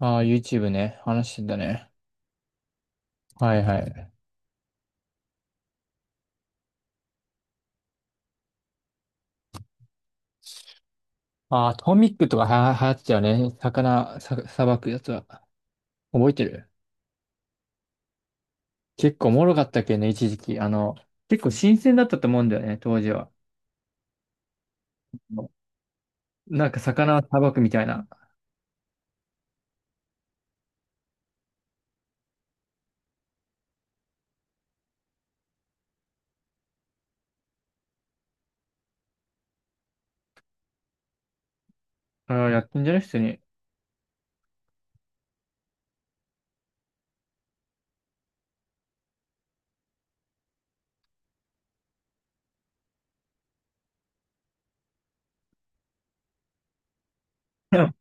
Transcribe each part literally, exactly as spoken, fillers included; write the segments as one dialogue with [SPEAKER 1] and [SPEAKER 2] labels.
[SPEAKER 1] ああ、ユーチューブ ね。話してたね。はいはい。ああ、トミックとかは流行ってたよね。魚、さ、さばくやつは。覚えてる？結構おもろかったっけね、一時期。あの、結構新鮮だったと思うんだよね、当時は。なんか魚さばくみたいな。ああ、やってんじゃない普通に。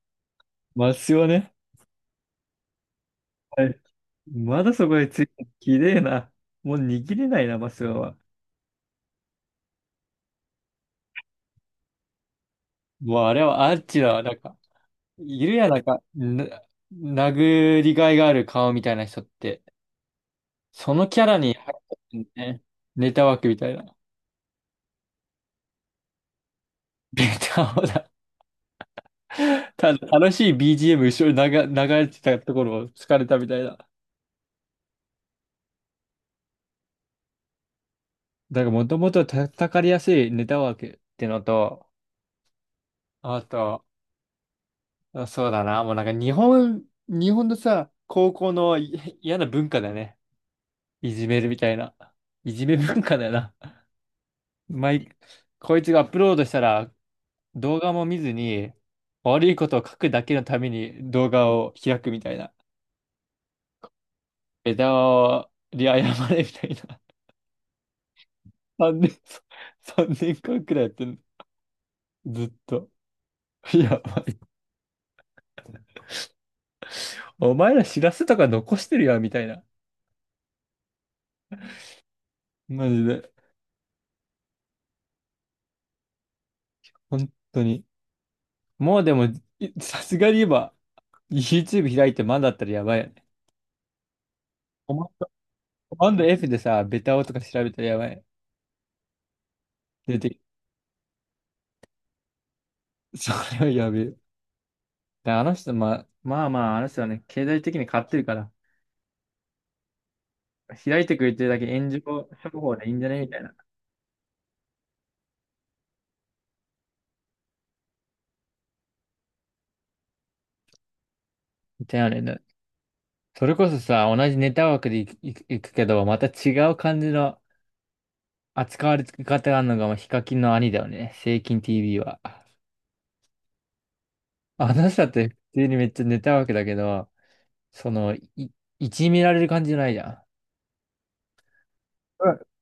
[SPEAKER 1] マスオね。はい。まだそこについて、綺麗な。もう握れないな、マスオは。もうあれはアーチだわ、なんか。いるやん、なんか、な、殴りがいがある顔みたいな人って。そのキャラに入ってるね。ネタ枠みたいな。ネタをだ。ただ楽しい ビージーエム 後ろに流、流れてたところを疲れたみたいな。だからもともと叩かれやすいネタ枠ってのと、あと、あそうだな、もうなんか日本、日本のさ、高校のい嫌な文化だよね。いじめるみたいな。いじめ文化だよな。毎、こいつがアップロードしたら動画も見ずに悪いことを書くだけのために動画を開くみたいな。枝に謝れみたいな。さんねん、さんねんかんくらいやってんの。ずっと。いや、ばいお前ら知らせとか残してるよ、みたいな。マジで。本当に。もうでも、いさすがに今、YouTube 開いてまだだったらやばいよね。コマコマンド F でさ、ベタをとか調べたらやばい。出てきそれはやべえ。であの人、まあ、まあまあ、あの人はね、経済的に買ってるから、開いてくれてるだけ炎上処方でいいんじゃねみたいな。みたいなね。それこそさ、同じネタ枠でいく、いくいくけど、また違う感じの扱われ方があるのが、まあ、ヒカキンの兄だよね。セイキン ティービー は。あの人だって普通にめっちゃネタ枠だけど、その、い、いじめられる感じじゃないじゃ。うんうん。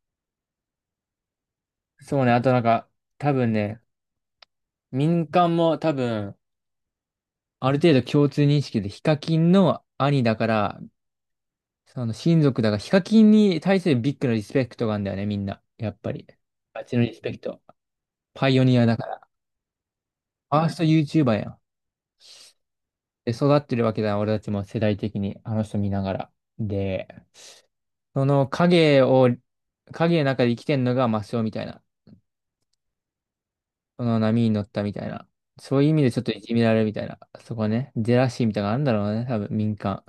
[SPEAKER 1] そうね、あとなんか、多分ね、民間も多分、ある程度共通認識でヒカキンの兄だから、その親族だから、ヒカキンに対するビッグなリスペクトがあるんだよね、みんな。やっぱり。あっちのリスペクト。パイオニアだから。ファースト ユーチューバー やん。で、育ってるわけだ、俺たちも世代的に、あの人見ながら。で、その影を、影の中で生きてんのがマスオみたいな。その波に乗ったみたいな。そういう意味でちょっといじめられるみたいな。そこね、ジェラシーみたいなのがあるんだろうね、多分民間。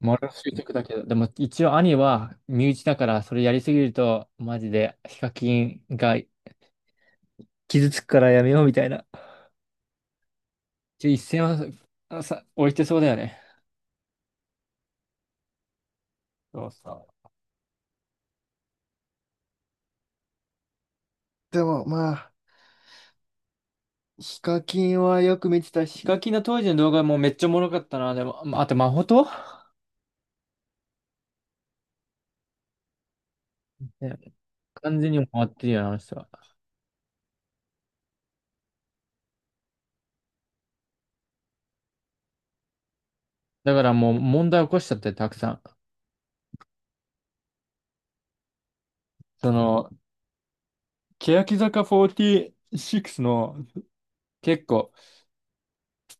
[SPEAKER 1] モラル執着だけど、でも一応兄は身内だからそれやりすぎると、マジでヒカキンが傷つくからやめようみたいな。一応一線はさ、置いてそうだよね。そうそう。でもまあ、ヒカキンはよく見てた。ヒカキンの当時の動画もめっちゃおもろかったな。でも、まああと、マホトね。完全にもわってるよな、あの人は。だからもう問題起こしちゃって、たくさん。その、欅坂フォーティーシックスの結構、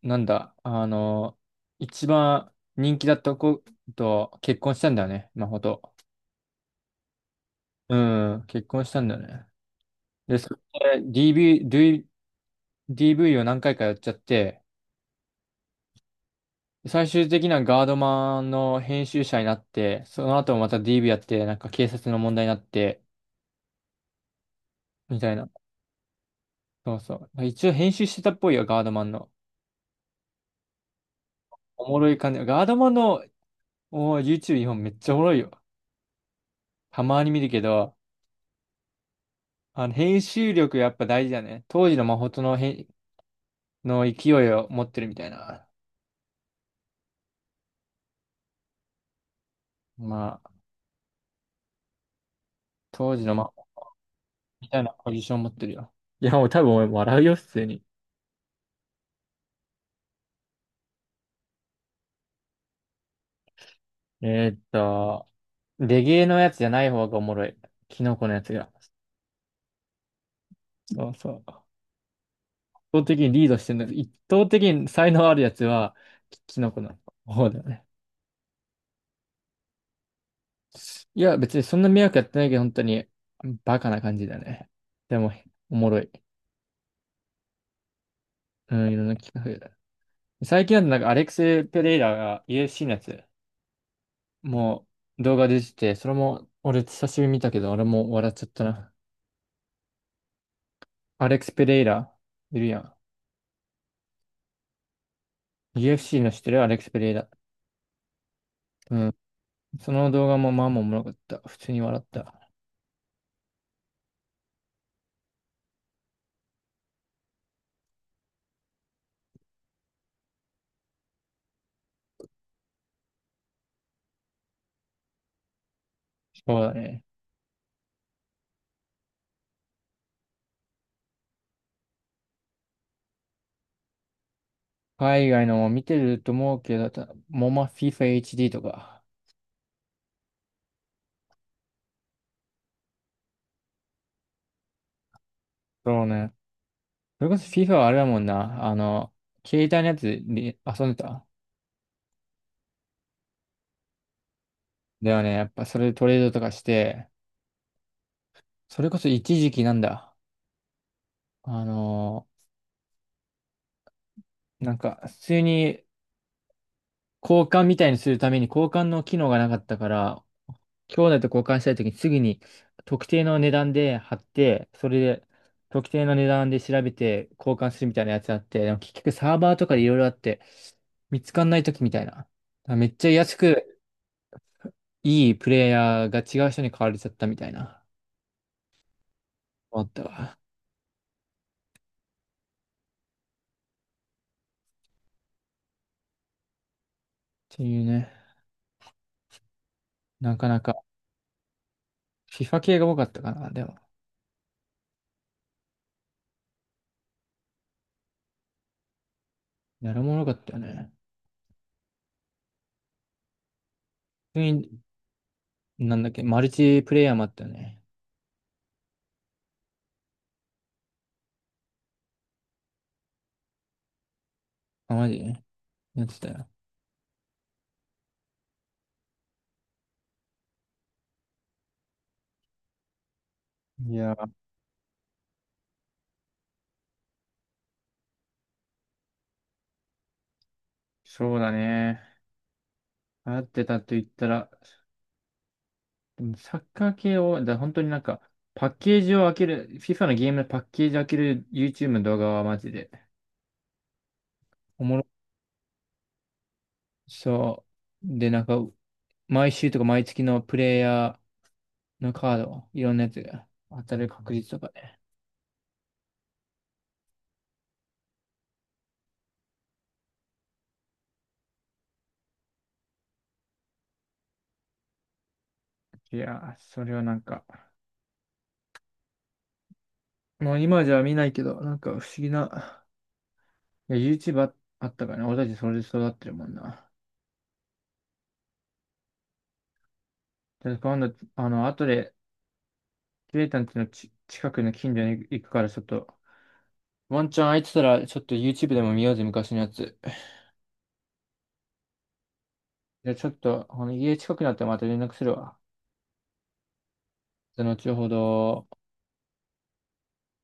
[SPEAKER 1] なんだ、あの、一番人気だった子と結婚したんだよね、マホト。うん、結婚したんだよね。で、それで ディーブイ、ディーブイ を何回かやっちゃって、最終的なガードマンの編集者になって、その後もまた ディーブイ やって、なんか警察の問題になって、みたいな。そうそう。一応編集してたっぽいよ、ガードマンの。おもろい感じ。ガードマンのおー YouTube 日本めっちゃおもろいよ。たまに見るけど、あの編集力やっぱ大事だね。当時のマホとの編、の勢いを持ってるみたいな。まあ、当時のマホみたいなポジション持ってるよ。いや、もう多分俺笑うよ、普通に。えーっと、レゲエのやつじゃない方がおもろい。キノコのやつが。そうそう。圧倒的にリードしてるんだけど、一方的に才能あるやつは、キキノコの方だよね。いや、別にそんな迷惑やってないけど、本当に、バカな感じだね。でも、おもろい。うん、いろんな企画。最近だとなんかアレックス・ペレイラが ユーエフシー のやつ、もう動画出てて、それも俺久しぶりに見たけど、俺も笑っちゃったな。アレックス・ペレイラ、いるやん。ユーエフシー の知ってるアレックス・ペレイラ。うん。その動画もまあまあおもろかった。普通に笑った。そうだね。海外のも見てると思うけど、たモマ FIFA エイチディー とか。そうね。それこそ FIFA はあれだもんな。あの、携帯のやつで遊んでた。だよね。やっぱそれでトレードとかして、それこそ一時期なんだ。あの、なんか普通に交換みたいにするために交換の機能がなかったから、兄弟と交換したいときにすぐに特定の値段で貼って、それで特定の値段で調べて交換するみたいなやつあって、でも結局サーバーとかでいろいろあって、見つかんないときみたいな。だからめっちゃ安くいいプレイヤーが違う人に買われちゃったみたいな。あったわ。っていうね。なかなか FIFA 系が多かったかな。でも、やるもの多かったよね。普通に、なんだっけ、マルチプレイヤーもあったよね。あ、マジでやってたよ。いや、そうだね。流行ってたと言ったら、でもサッカー系を、だ本当になんか、パッケージを開ける、FIFA のゲームのパッケージ開ける YouTube の動画はマジで、おもろそう。で、なんか、毎週とか毎月のプレイヤーのカード、いろんなやつが当たる確率とかね。いやー、それはなんか、もう今じゃ見ないけど、なんか不思議な、いや、YouTube ああったからね。俺たちそれで育ってるもんな。で今度、あの、後で、ケイタンちのち近くの近所に行くから、ちょっと、ワンチャン空いてたら、ちょっと YouTube でも見ようぜ、昔のやつ。じゃあちょっと、この家近くなったらまた連絡するわ。その後ほど。